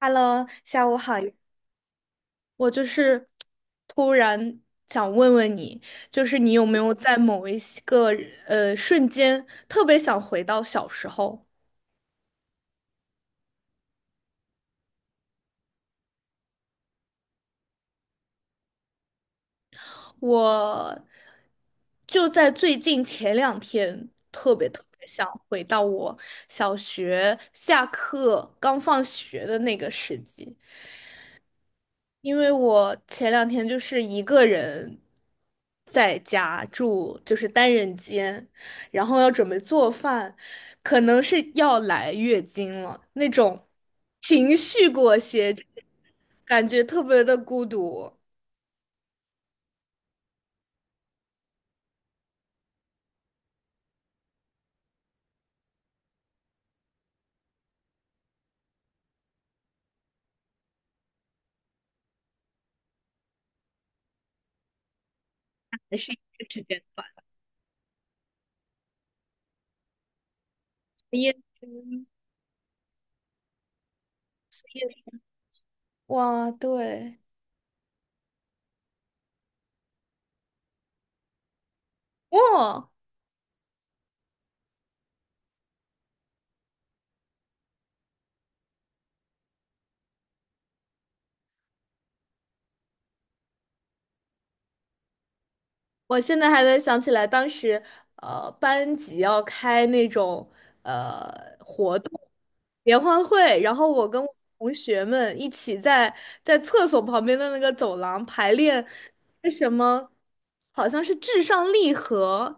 Hello,下午好呀。我就是突然想问问你，就是你有没有在某一些个瞬间特别想回到小时候？我就在最近前两天，特别特别想回到我小学下课刚放学的那个时机。因为我前两天就是一个人在家住，就是单人间，然后要准备做饭，可能是要来月经了，那种情绪裹挟着感觉特别的孤独。还是一个时间段，夜深夜深哇，对，哇。我现在还能想起来，当时班级要开那种呃活动联欢会，然后我跟我同学们一起在厕所旁边的那个走廊排练那什么，好像是《至上励合》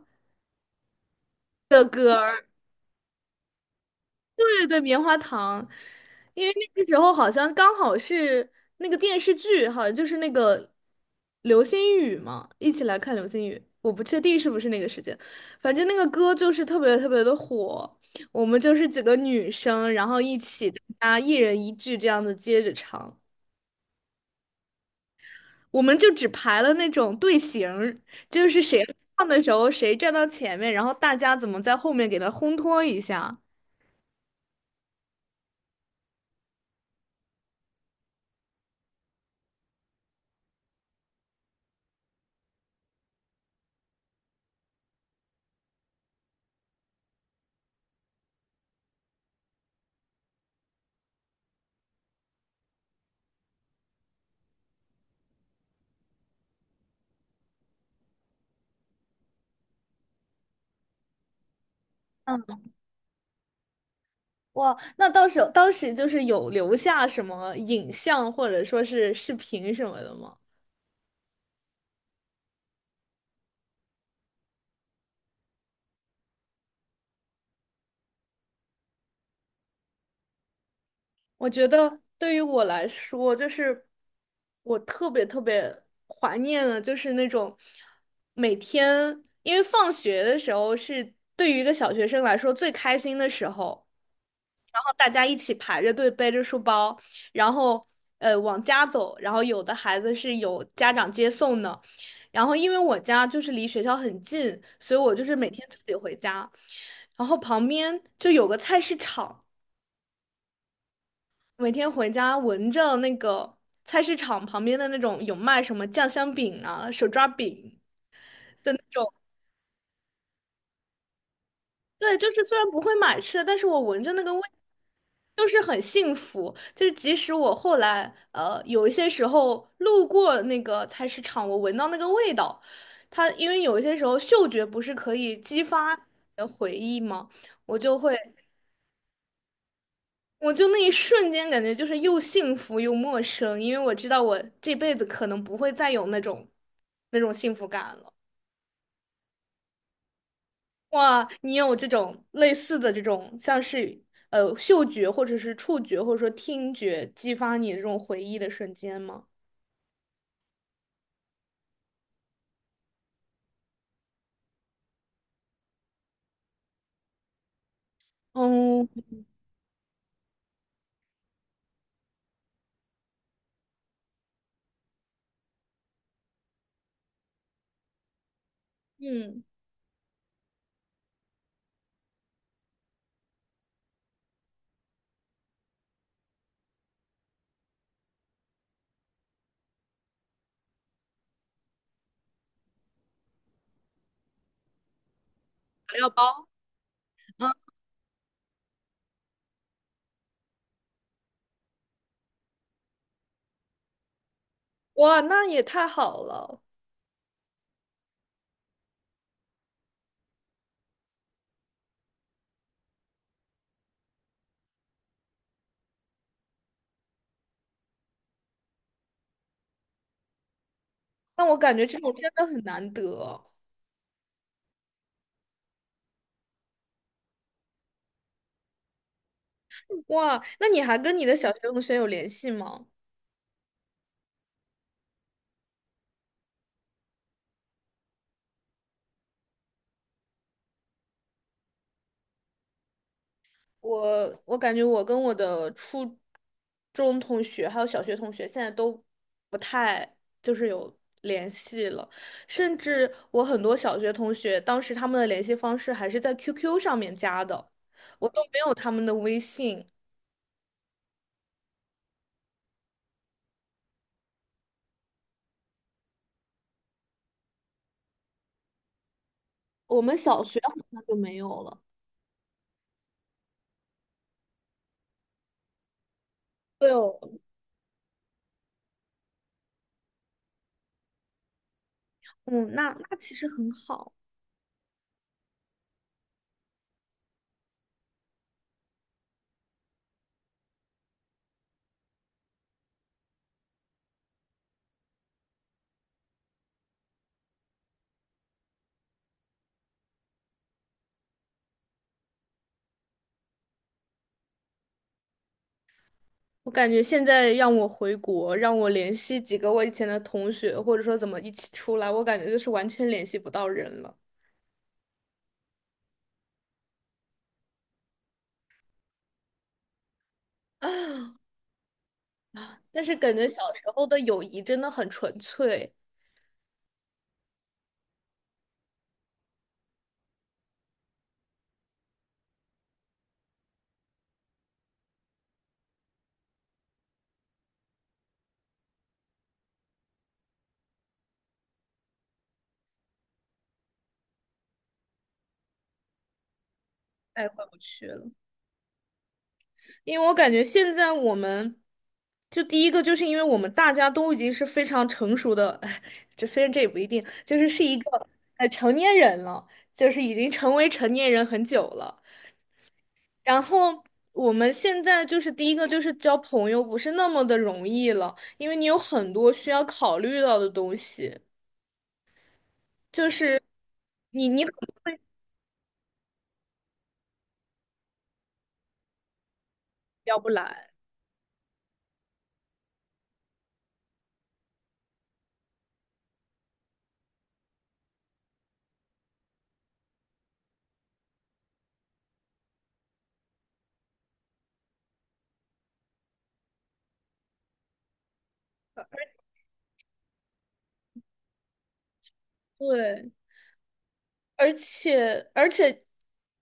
的歌。对对，棉花糖，因为那个时候好像刚好是那个电视剧，好像就是那个流星雨嘛，一起来看流星雨。我不确定是不是那个时间，反正那个歌就是特别特别的火。我们就是几个女生，然后一起大家一人一句这样子接着唱。我们就只排了那种队形儿，就是谁唱的时候谁站到前面，然后大家怎么在后面给他烘托一下。哇，那到时候当时就是有留下什么影像或者说是视频什么的吗？我觉得对于我来说，就是我特别特别怀念的，就是那种每天，因为放学的时候是对于一个小学生来说最开心的时候。大家一起排着队背着书包，然后往家走，然后有的孩子是有家长接送的，然后因为我家就是离学校很近，所以我就是每天自己回家，然后旁边就有个菜市场，每天回家闻着那个菜市场旁边的那种有卖什么酱香饼啊、手抓饼。对，就是虽然不会买吃的，但是我闻着那个味，就是很幸福。就是即使我后来有一些时候路过那个菜市场，我闻到那个味道，它因为有一些时候嗅觉不是可以激发你的回忆吗？我就会，我就那一瞬间感觉就是又幸福又陌生，因为我知道我这辈子可能不会再有那种那种幸福感了。哇，你有这种类似的这种，像是嗅觉或者是触觉或者说听觉激发你的这种回忆的瞬间吗？嗯嗯，材料包。哇，那也太好了。那我感觉这种真的很难得。哇，那你还跟你的小学同学有联系吗？我感觉我跟我的初中同学还有小学同学现在都不太就是有联系了，甚至我很多小学同学当时他们的联系方式还是在 QQ 上面加的，我都没有他们的微信。我们小学好像就没有了。对哦，嗯，那那其实很好。我感觉现在让我回国，让我联系几个我以前的同学，或者说怎么一起出来，我感觉就是完全联系不到人了。但是感觉小时候的友谊真的很纯粹，太回不去了。因为我感觉现在我们，就第一个就是因为我们大家都已经是非常成熟的，哎，这虽然这也不一定，就是是一个成年人了，就是已经成为成年人很久了。然后我们现在就是第一个就是交朋友不是那么的容易了，因为你有很多需要考虑到的东西，就是聊不来。对。而且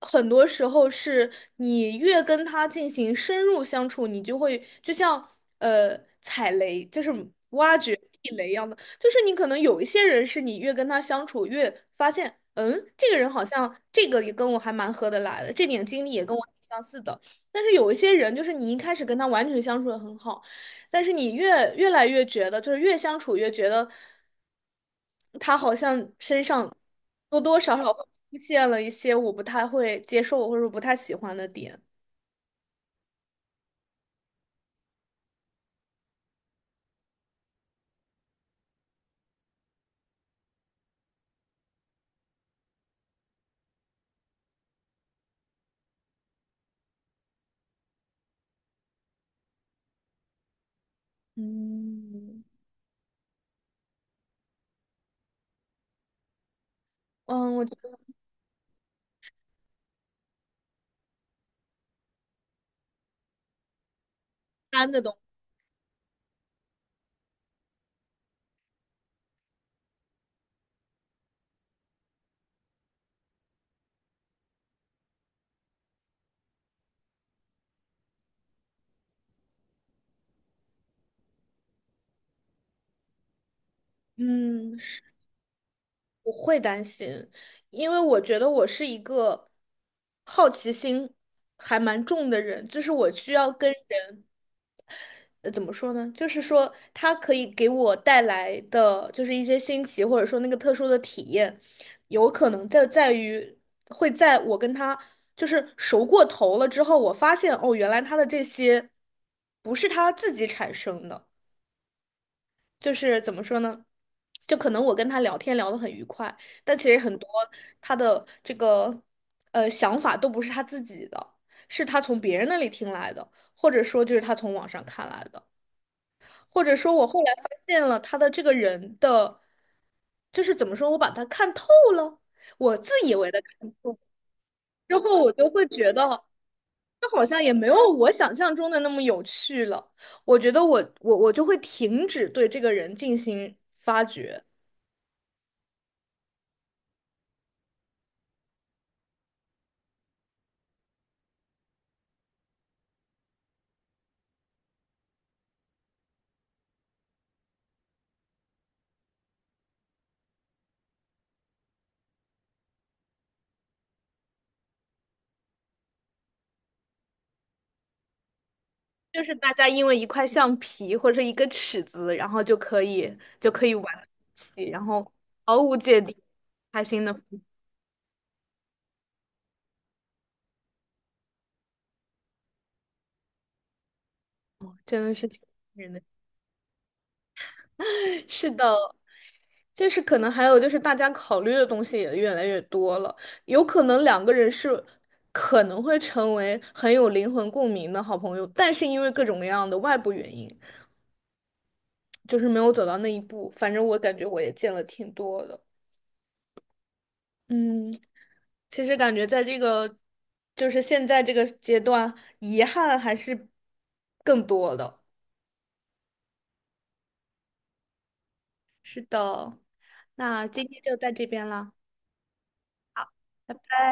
很多时候是你越跟他进行深入相处，你就会就像踩雷，就是挖掘地雷一样的，就是你可能有一些人是你越跟他相处越发现，嗯，这个人好像这个也跟我还蛮合得来的，这点经历也跟我挺相似的。但是有一些人，就是你一开始跟他完全相处的很好，但是你越来越觉得，就是越相处越觉得他好像身上。多多少少会出现了一些我不太会接受或者不太喜欢的点。嗯嗯，我觉得担的东西，嗯，是我会担心，因为我觉得我是一个好奇心还蛮重的人，就是我需要跟。人。怎么说呢？就是说，他可以给我带来的，就是一些新奇，或者说那个特殊的体验，有可能在在于会在我跟他就是熟过头了之后，我发现哦，原来他的这些不是他自己产生的，就是怎么说呢？就可能我跟他聊天聊得很愉快，但其实很多他的这个想法都不是他自己的，是他从别人那里听来的，或者说就是他从网上看来的。或者说，我后来发现了他的这个人的，就是怎么说，我把他看透了，我自以为的看透，之后我就会觉得，他好像也没有我想象中的那么有趣了。我觉得我就会停止对这个人进行发掘，就是大家因为一块橡皮或者一个尺子，然后就可以玩到一起，然后毫无芥蒂，开心的，真的是挺感人的。是的。就是可能还有就是大家考虑的东西也越来越多了，有可能两个人是可能会成为很有灵魂共鸣的好朋友，但是因为各种各样的外部原因，就是没有走到那一步。反正我感觉我也见了挺多的，嗯，其实感觉在这个就是现在这个阶段，遗憾还是更多的。是的，那今天就到这边啦，拜拜。